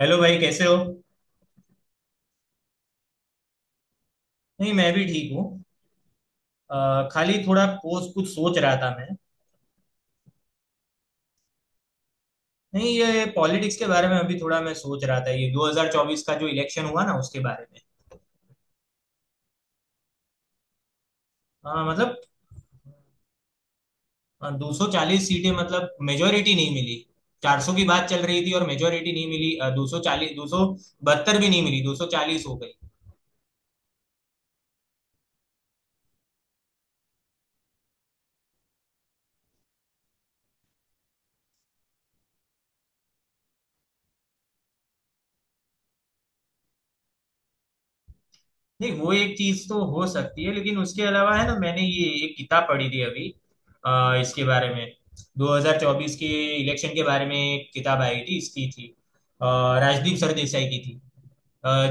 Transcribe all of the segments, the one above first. Hello भाई, कैसे हो? नहीं, मैं भी ठीक हूँ। खाली थोड़ा पोस्ट कुछ सोच रहा था मैं। नहीं, ये पॉलिटिक्स के बारे में अभी थोड़ा मैं सोच रहा था, ये 2024 का जो इलेक्शन हुआ ना उसके बारे में। मतलब 240 सीटें, मतलब मेजोरिटी नहीं मिली। 400 की बात चल रही थी और मेजोरिटी नहीं मिली, 240, 272 भी नहीं मिली, 240 हो गई। नहीं, वो एक चीज तो हो सकती है लेकिन उसके अलावा है ना, मैंने ये एक किताब पढ़ी थी अभी इसके बारे में। 2024 के इलेक्शन के बारे में एक किताब आई थी, इसकी थी अ, राजदीप सरदेसाई की थी।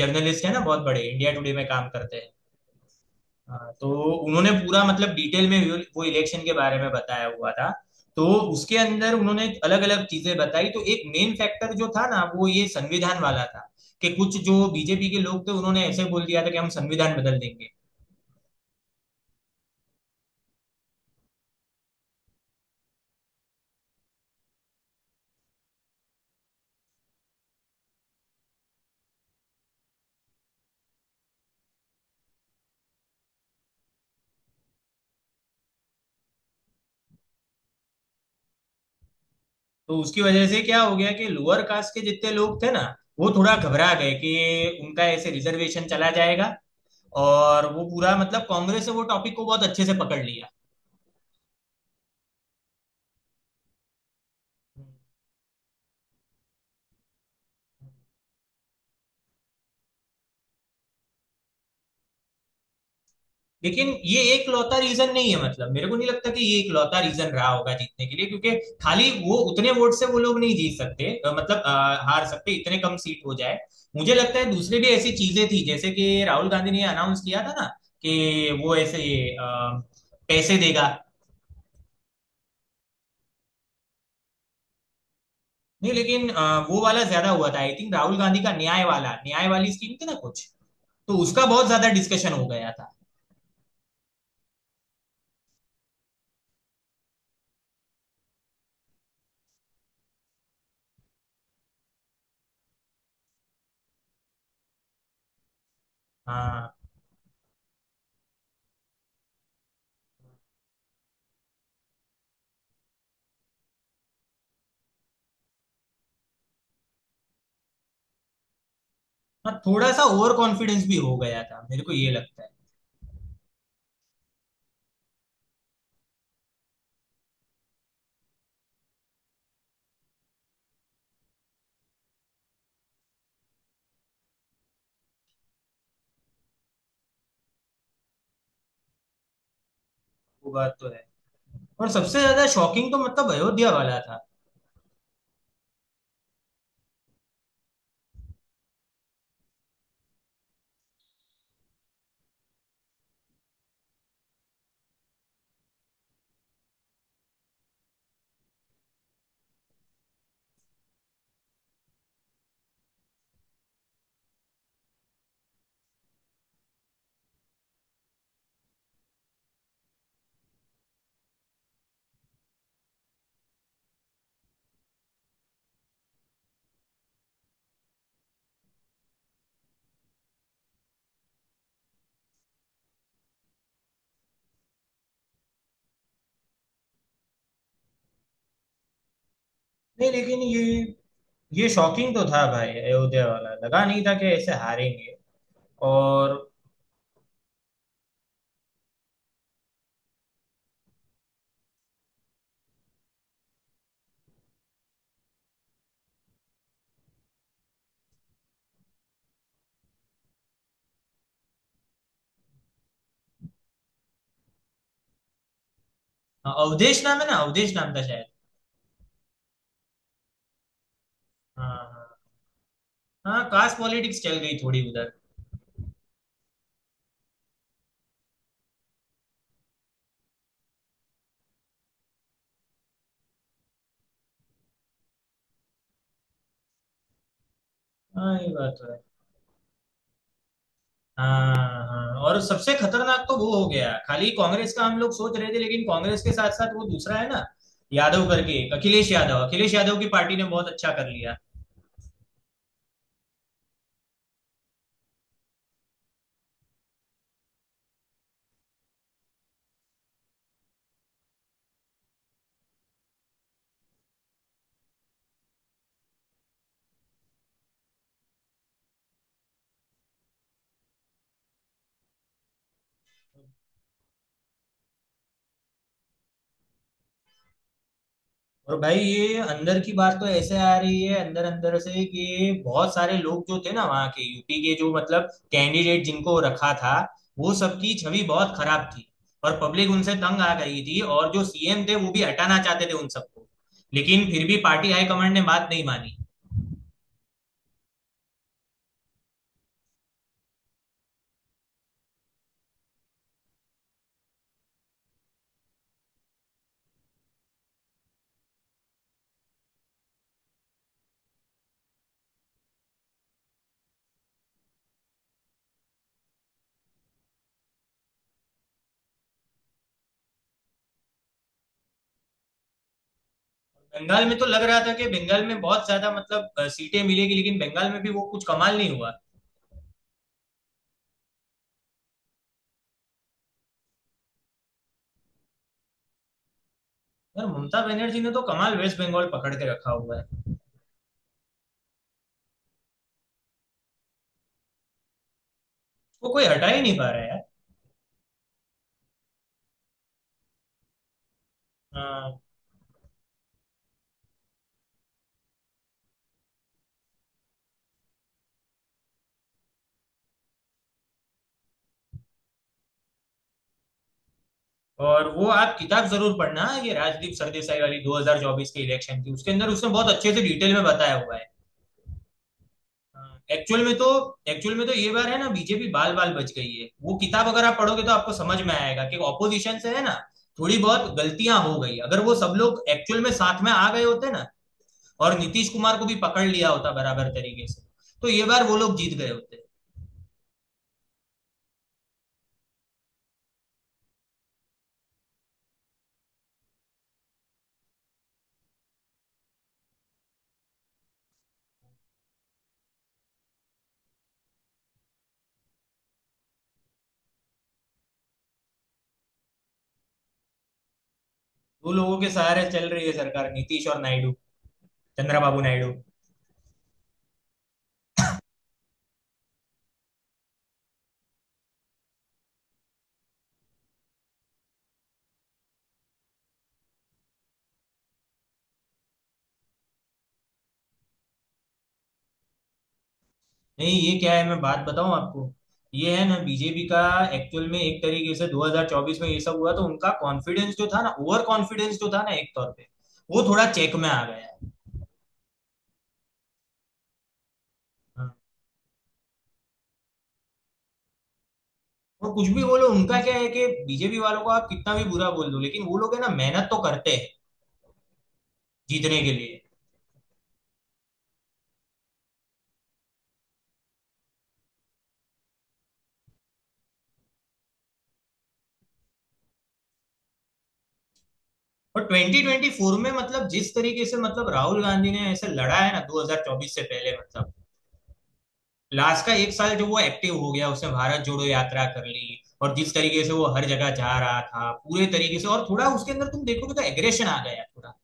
जर्नलिस्ट है ना, बहुत बड़े इंडिया टुडे में काम करते हैं। तो उन्होंने पूरा, मतलब डिटेल में, वो इलेक्शन के बारे में बताया हुआ था। तो उसके अंदर उन्होंने अलग अलग चीजें बताई। तो एक मेन फैक्टर जो था ना, वो ये संविधान वाला था कि कुछ जो बीजेपी के लोग थे उन्होंने ऐसे बोल दिया था कि हम संविधान बदल देंगे। तो उसकी वजह से क्या हो गया कि लोअर कास्ट के जितने लोग थे ना, वो थोड़ा घबरा गए कि उनका ऐसे रिजर्वेशन चला जाएगा। और वो पूरा, मतलब कांग्रेस ने वो टॉपिक को बहुत अच्छे से पकड़ लिया। लेकिन ये एक लौता रीजन नहीं है, मतलब मेरे को नहीं लगता कि ये एक लौता रीजन रहा होगा जीतने के लिए, क्योंकि खाली वो उतने वोट से वो लोग नहीं जीत सकते, मतलब हार सकते, इतने कम सीट हो जाए। मुझे लगता है दूसरी भी ऐसी चीजें थी, जैसे कि राहुल गांधी ने अनाउंस किया था ना कि वो ऐसे अ, पैसे देगा। नहीं, लेकिन वो वाला ज्यादा हुआ था, आई थिंक राहुल गांधी का न्याय वाला, न्याय वाली स्कीम थी ना कुछ, तो उसका बहुत ज्यादा डिस्कशन हो गया था। हाँ, हाँ, थोड़ा सा ओवर कॉन्फिडेंस भी हो गया था, मेरे को ये लगता है। वो बात तो है। और सबसे ज्यादा शॉकिंग तो, मतलब अयोध्या वाला था। नहीं लेकिन ये शॉकिंग तो था भाई, अयोध्या वाला लगा नहीं था कि ऐसे हारेंगे। और हाँ, अवधेश नाम है ना, अवधेश नाम था शायद। हाँ, हाँ, हाँ, कास्ट पॉलिटिक्स चल गई थोड़ी उधर। हाँ, ये बात तो है। हाँ, हाँ, हाँ। और सबसे खतरनाक तो वो हो गया, खाली कांग्रेस का हम लोग सोच रहे थे लेकिन कांग्रेस के साथ साथ वो दूसरा है ना, यादव करके एक, अखिलेश यादव, अखिलेश यादव की पार्टी ने बहुत अच्छा कर लिया। और भाई ये अंदर की बात तो ऐसे आ रही है अंदर अंदर से कि बहुत सारे लोग जो थे ना वहाँ के, यूपी के जो मतलब कैंडिडेट जिनको रखा था, वो सबकी छवि बहुत खराब थी और पब्लिक उनसे तंग आ गई थी और जो सीएम थे वो भी हटाना चाहते थे उन सबको, लेकिन फिर भी पार्टी हाईकमांड ने बात नहीं मानी। बंगाल में तो लग रहा था कि बंगाल में बहुत ज्यादा, मतलब सीटें मिलेगी, लेकिन बंगाल में भी वो कुछ कमाल नहीं हुआ। यार ममता बनर्जी ने तो कमाल वेस्ट बंगाल पकड़ के रखा हुआ है। वो कोई हटा ही नहीं पा रहा है यार। हाँ। और वो आप किताब जरूर पढ़ना, ये राजदीप सरदेसाई वाली 2024 के इलेक्शन की, उसके अंदर उसने बहुत अच्छे से डिटेल में बताया हुआ है। एक्चुअल में तो, एक्चुअल में तो ये बार है ना बीजेपी बाल बाल बच गई है। वो किताब अगर आप पढ़ोगे तो आपको समझ में आएगा कि ऑपोजिशन से है ना थोड़ी बहुत गलतियां हो गई, अगर वो सब लोग एक्चुअल में साथ में आ गए होते ना, और नीतीश कुमार को भी पकड़ लिया होता बराबर तरीके से, तो ये बार वो लोग जीत गए होते। वो लोगों के सहारे चल रही है सरकार, नीतीश और नायडू, चंद्रबाबू नायडू। नहीं, ये क्या है, मैं बात बताऊं आपको, ये है ना बीजेपी का, एक्चुअल में एक तरीके से 2024 में ये सब हुआ तो उनका कॉन्फिडेंस जो था ना, ओवर कॉन्फिडेंस जो था ना एक तौर पे, वो थोड़ा चेक में आ गया। हाँ। और कुछ भी बोलो, उनका क्या है कि बीजेपी वालों को आप कितना भी बुरा बोल दो, लेकिन वो लोग है ना मेहनत तो करते हैं जीतने के लिए। और 2024 में, मतलब जिस तरीके से, मतलब राहुल गांधी ने ऐसे लड़ा है ना, 2024 से पहले, मतलब लास्ट का एक साल जो वो एक्टिव हो गया, उसने भारत जोड़ो यात्रा कर ली, और जिस तरीके से वो हर जगह जा रहा था पूरे तरीके से, और थोड़ा उसके अंदर तुम देखोगे तो एग्रेशन आ गया थोड़ा।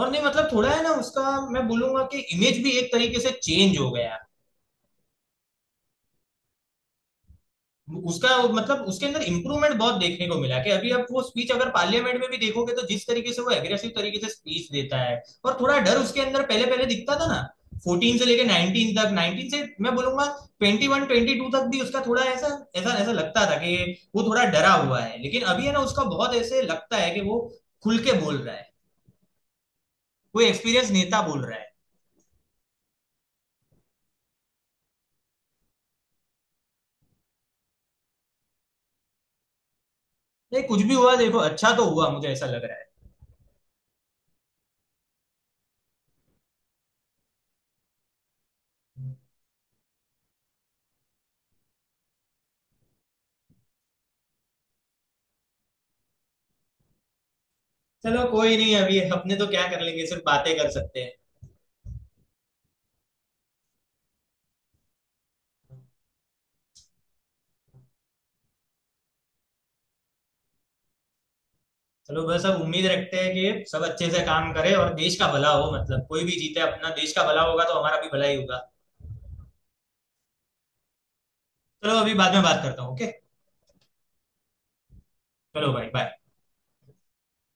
और नहीं, मतलब थोड़ा है ना, उसका मैं बोलूंगा कि इमेज भी एक तरीके से चेंज हो गया, उसका मतलब उसके अंदर इम्प्रूवमेंट बहुत देखने को मिला कि अभी आप वो स्पीच अगर पार्लियामेंट में भी देखोगे तो जिस तरीके से वो एग्रेसिव तरीके से स्पीच देता है। और थोड़ा डर उसके अंदर पहले पहले दिखता था ना, 14 से लेके 19 तक, 19 से मैं बोलूंगा 21 22 तक भी, उसका थोड़ा ऐसा ऐसा ऐसा लगता था कि वो थोड़ा डरा हुआ है, लेकिन अभी है ना उसका बहुत ऐसे लगता है कि वो खुल के बोल रहा है, कोई एक्सपीरियंस नेता बोल रहा है। ये कुछ भी हुआ, देखो अच्छा तो हुआ, मुझे ऐसा लग रहा है। चलो, कोई नहीं, अभी अपने तो क्या कर लेंगे, सिर्फ बातें कर सकते हैं। चलो, बस अब उम्मीद रखते हैं कि सब अच्छे से काम करे और देश का भला हो, मतलब कोई भी जीते, अपना देश का भला होगा तो हमारा भी भला ही होगा। चलो अभी बाद में बात करता हूँ, ओके। चलो भाई, बाय।